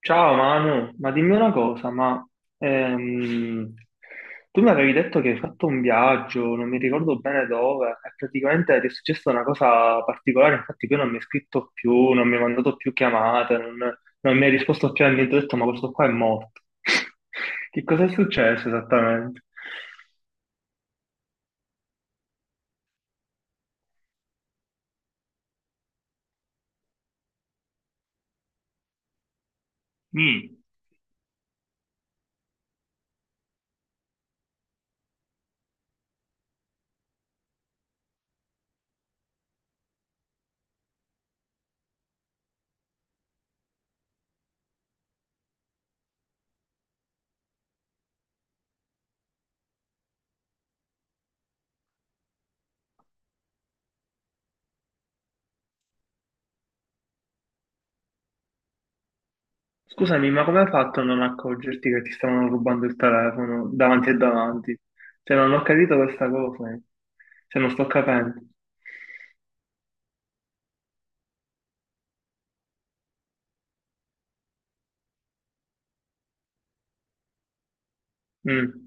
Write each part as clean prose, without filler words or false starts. Ciao Manu, ma dimmi una cosa, ehm, tu mi avevi detto che hai fatto un viaggio, non mi ricordo bene dove, e praticamente ti è successa una cosa particolare, infatti poi non mi hai scritto più, non mi hai mandato più chiamate, non mi hai risposto più a niente, ho detto ma questo qua è morto. Che cosa è successo esattamente? Mm. Scusami, ma come hai fatto a non accorgerti che ti stavano rubando il telefono davanti e davanti? Cioè non ho capito questa cosa. Se non sto capendo. Mm.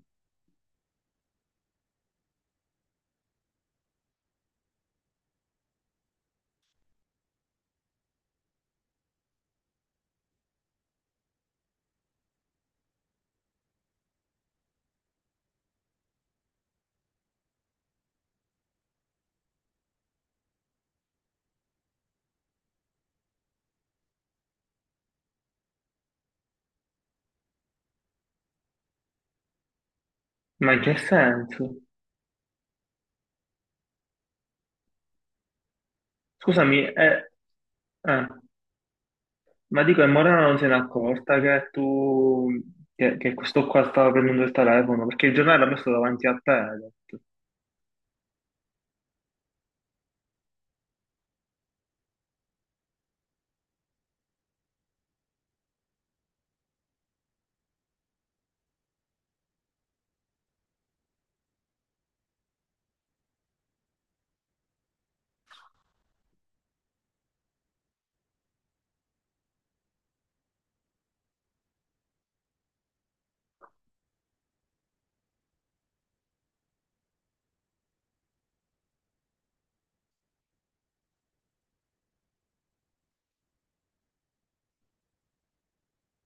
Ma in che senso? Scusami, eh, ma dico, e Morena non se n'è accorta che tu, che questo qua stava prendendo il telefono, perché il giornale l'ha messo davanti a te, hai detto.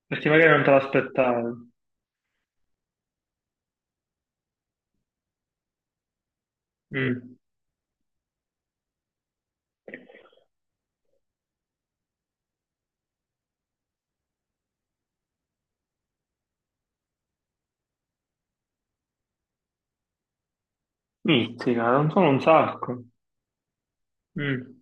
Perché magari non te l'aspettavi. Mm. Mizzica, non sono un sacco. Mm.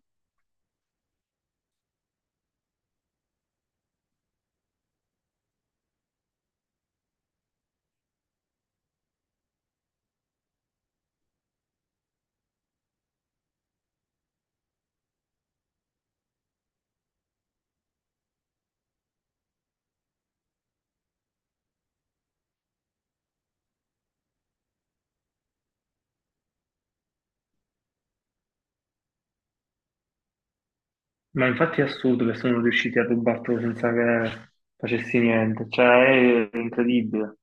Ma infatti è assurdo che sono riusciti a rubartelo senza che facessi niente, cioè è incredibile.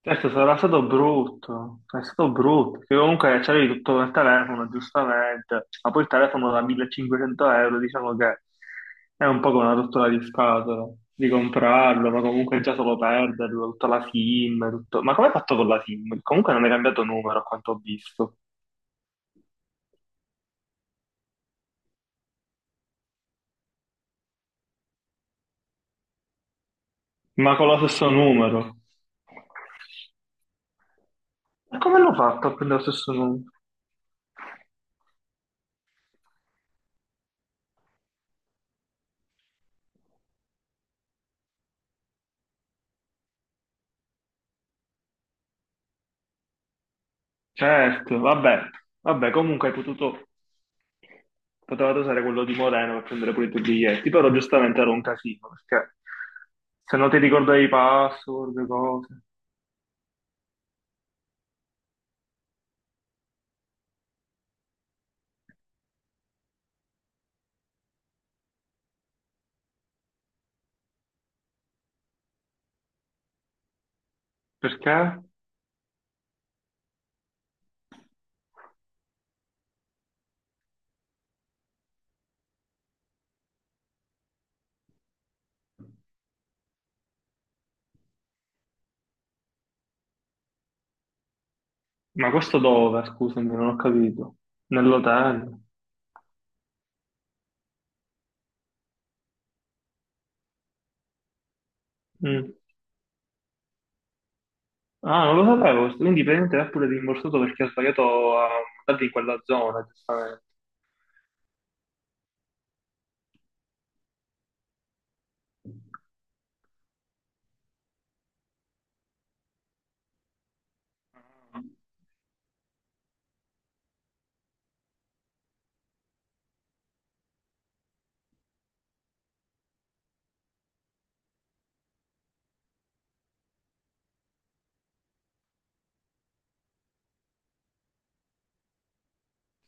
Certo, sarà stato brutto, è stato brutto, che comunque c'avevi tutto nel telefono, giustamente, ma poi il telefono da 1500 euro, diciamo che è un po' come una rottura di scatola, di comprarlo, ma comunque già solo perderlo, tutta la SIM, tutto... Ma come hai fatto con la SIM? Comunque non hai cambiato numero, a quanto ho visto, ma con lo stesso numero. Ma come l'ho fatto a prendere lo stesso numero? Certo, vabbè, vabbè, comunque hai potuto, potevate usare quello di Moreno per prendere pure i tuoi biglietti, però giustamente era un casino, perché se non ti ricordavi i password, cose, perché? Ma questo dove, scusami, non ho capito, nell'hotel? Mm. Ah, non lo sapevo, quindi praticamente l'ha pure rimborsato perché ha sbagliato a mandarti in quella zona, giustamente.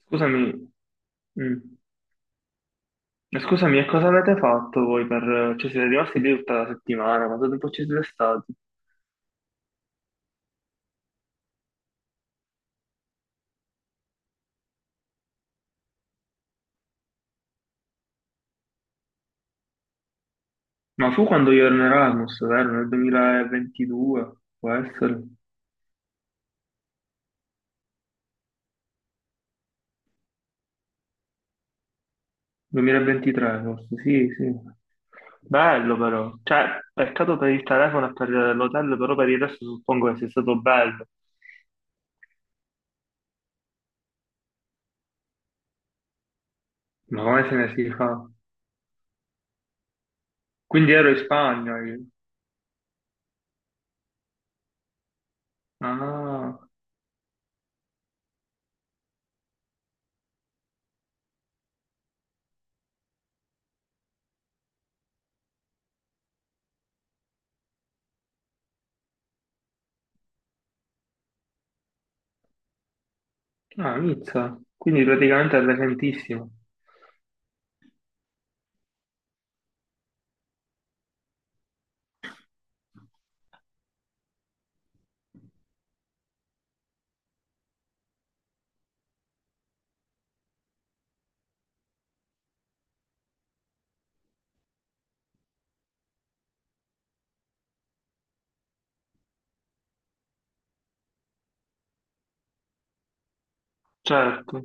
Scusami, mm. Ma scusami, e cosa avete fatto voi per... Cioè siete rimasti lì tutta la settimana, quanto tempo ci siete stati? Ma fu quando io ero in Erasmus, vero? Nel 2022, può essere? 2023 forse, sì, sì. Bello però, cioè, peccato per il telefono e per l'hotel, però per il resto suppongo che sia stato bello. Ma come se ne si fa? Quindi ero in Spagna io. Ah, ah, Nizza. Quindi praticamente è recentissimo. Certo.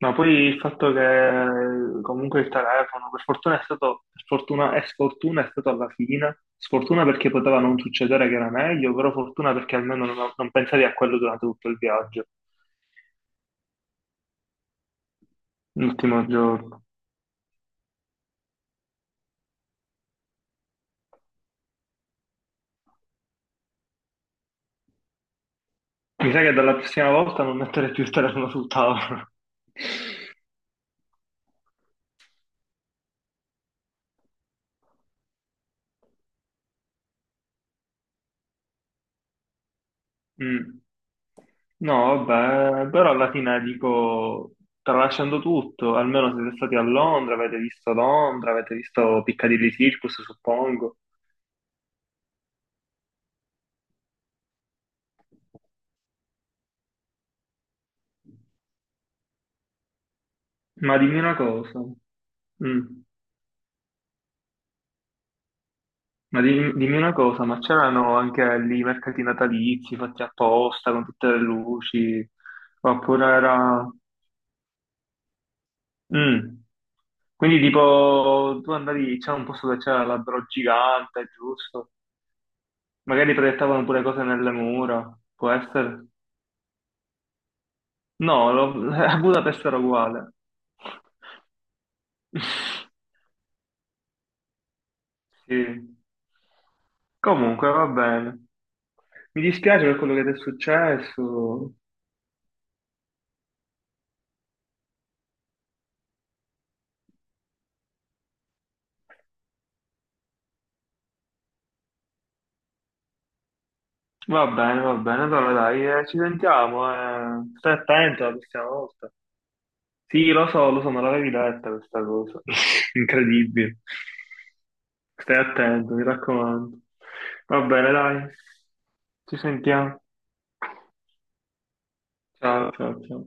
Ma poi il fatto che comunque il telefono, per fortuna è stato, per fortuna e sfortuna è stato alla fine, sfortuna perché poteva non succedere che era meglio, però fortuna perché almeno non, non pensavi a quello durante tutto il viaggio, l'ultimo giorno. Mi sa che dalla prossima volta non mettere più il telefono sul tavolo. Mm. No, vabbè, però alla fine dico, tralasciando tutto, almeno siete stati a Londra, avete visto Piccadilly Circus, suppongo. Ma dimmi una cosa, mm. Ma dimmi, una cosa, ma c'erano anche lì i mercati natalizi fatti apposta con tutte le luci, oppure era... Mm. Quindi tipo tu andavi, c'era un posto dove c'era l'albero gigante, giusto? Magari proiettavano pure cose nelle mura, può essere? No, a Budapest era uguale. Sì. Comunque va bene. Mi dispiace per quello che ti è successo. Va bene, allora dai, ci sentiamo, eh. Stai attento la prossima volta. Sì, lo so, me l'avevi detta questa cosa. Incredibile. Stai attento, mi raccomando. Va bene, dai, ci sentiamo. Ciao, ciao, ciao.